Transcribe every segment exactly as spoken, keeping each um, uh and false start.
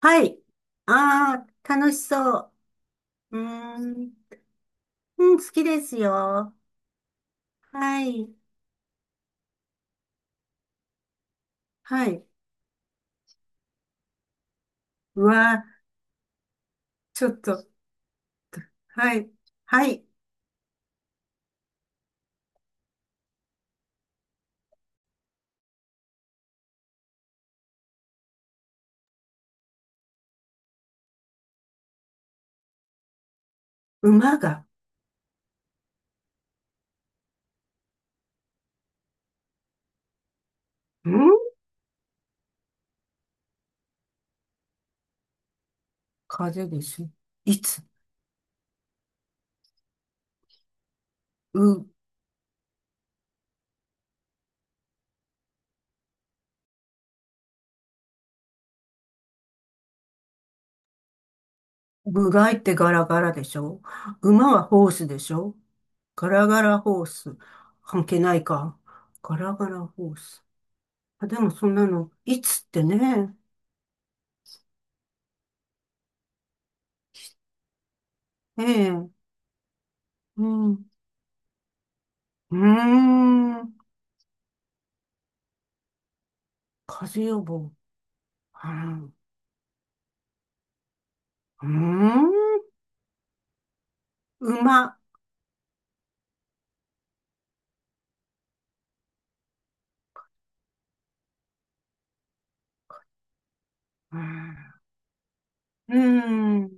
はい。ああ、楽しそう。うーん。うん、好きですよ。はい。はい。うわー、ちょっと。はい。はい。馬が。ん風でしょ？いつう、部外ってガラガラでしょ？馬はホースでしょ？ガラガラホース。関係ないか。ガラガラホース。あ、でもそんなの、いつってね。ええ。うん。うーん。風邪予防。はあうーん、馬。うーん、うーん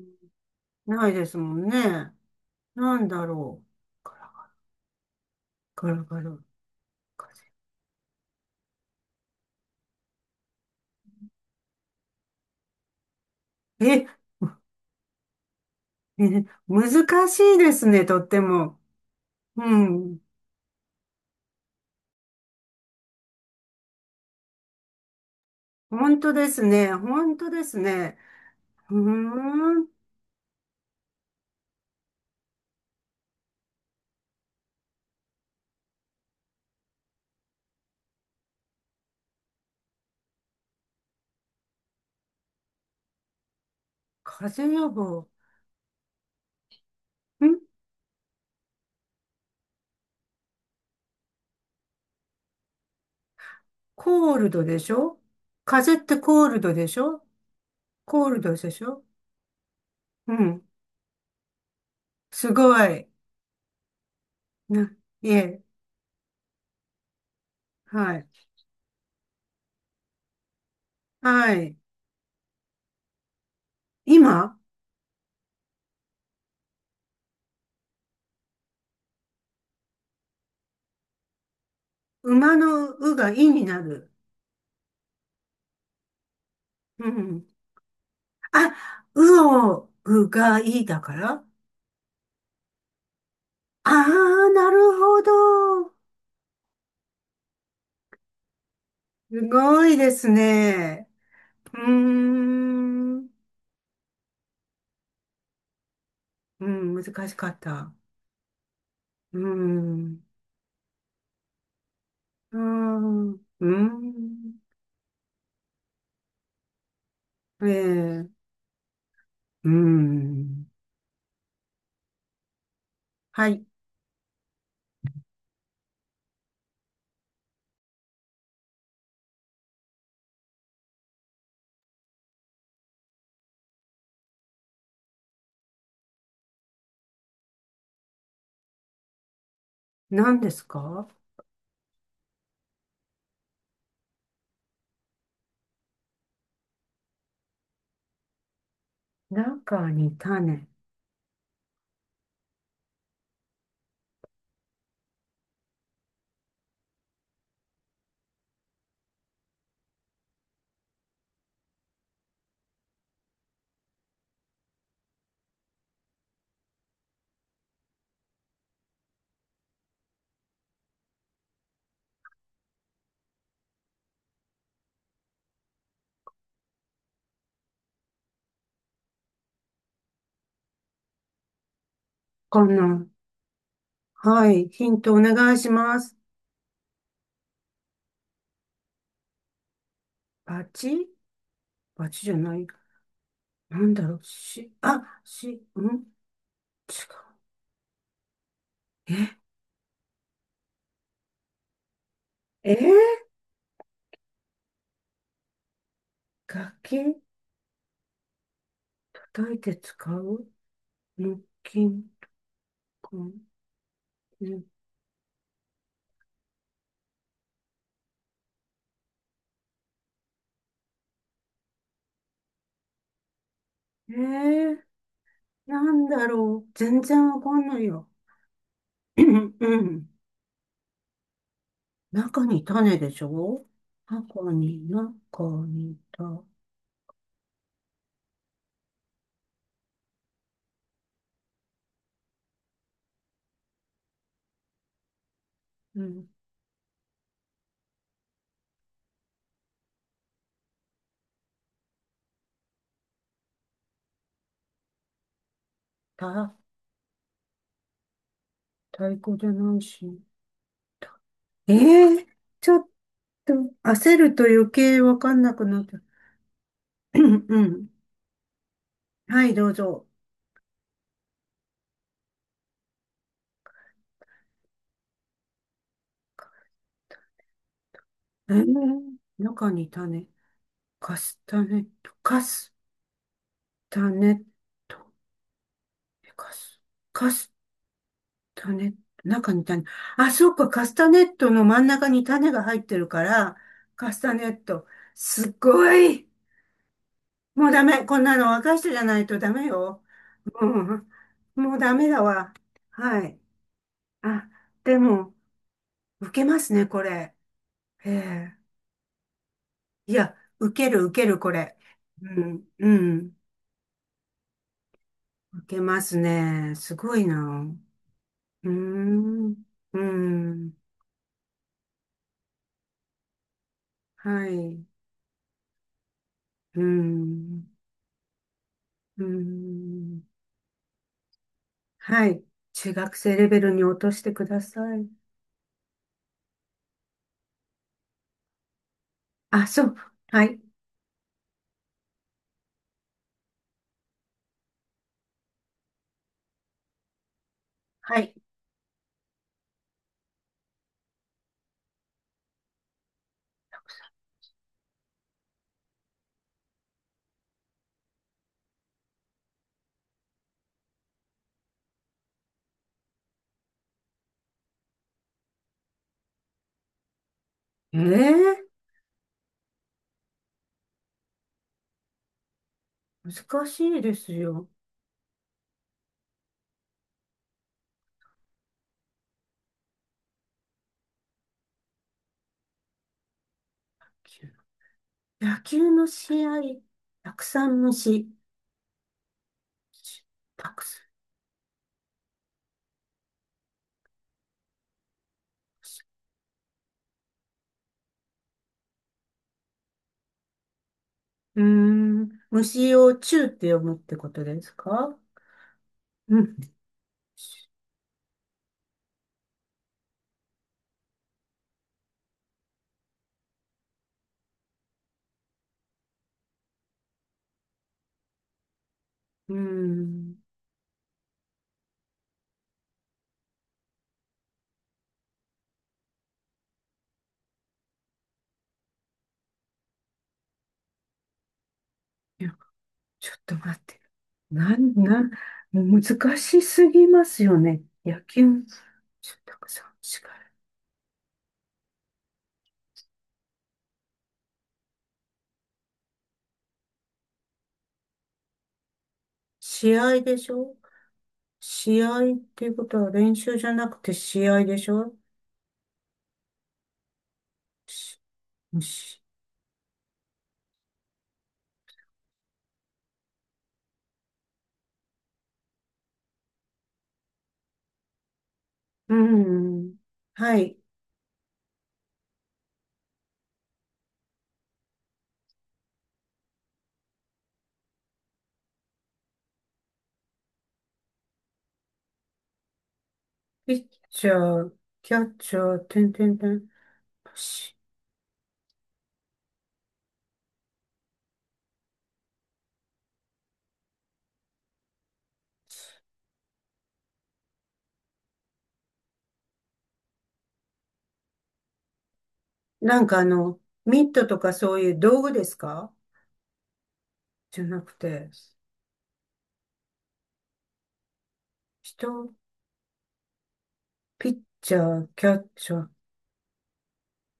ないですもんね。なんだろう。ガラガラガラ。風。え、え、ね、難しいですね、とっても。うん。本当ですね。本当ですね。うーん。風邪予防。んコールドでしょ？風邪ってコールドでしょ？コールドでしょ？うん。すごい。な、いえ。はい。はい。今。馬のうがいになる。うん。あ、うをうがいだから、ああなるほど。すごいですね。うーん。うん、難しかった。うーん。うーん。うーん。ええ。うーん。はい。何ですか？中に種。かな。はい。ヒントお願いします。バチ、バチじゃない。なんだろう、し、あ、し、ん違う。え、えー、楽器。叩いて使う。木琴、こんうえー、なんだろう。全然わかんないよ。うんうん。中に種でしょ？箱に、中に、た、うん、た、太鼓じゃないし。えー、ちょっと焦ると余計わかんなくなった。うんうん。はい、どうぞ。えー、中に種。カスタネット、カスタネット、えカス、カスタネット、中に種。あ、そうか、カスタネットの真ん中に種が入ってるから、カスタネット。すっごい。もうダメ。こんなの若い人じゃないとダメよ。うん。もうダメだわ。はい。あ、でも、受けますね、これ。ええ。いや、受ける、受ける、これ。うん、うん。受けますね。すごいな。うーん。うーん。はい。うーん。うーん。はい。中学生レベルに落としてください。あ、そう、はい、はい。ええ、難しいですよ。野球の試合、たくさん虫、たくさん。うーん、虫を虫って読むってことですか？うん、うーん。ちょっと待って。なん、なん、もう難しすぎますよね。野球、ちょっとたくさん違う。試合でしょ？試合っていうことは練習じゃなくて試合でしょ？し、し、うん。はい。ピッチャー、キャッチャー、てんてんてん。し、なんか、あの、ミットとかそういう道具ですか？じゃなくて、人、ピッチャー、キャッチャー、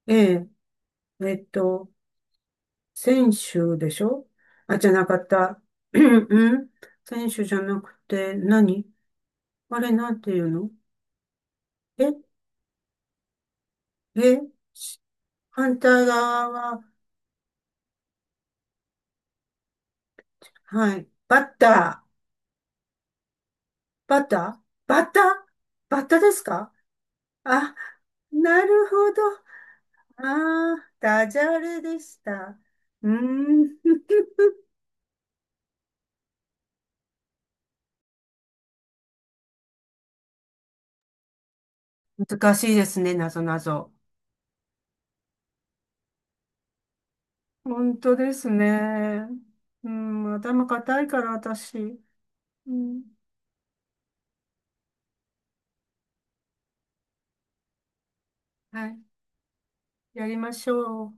ええ、えっと、選手でしょ？あ、じゃなかった。うん。選手じゃなくて何？あれなんていうの？え、え、し反対側は、はい。バッター。バッター、バッター、バッターですか？あ、なるほど。ああ、ダジャレでした。うーん。難しいですね、なぞなぞ。本当ですね。うん、頭固いから私。うん。はい。やりましょう。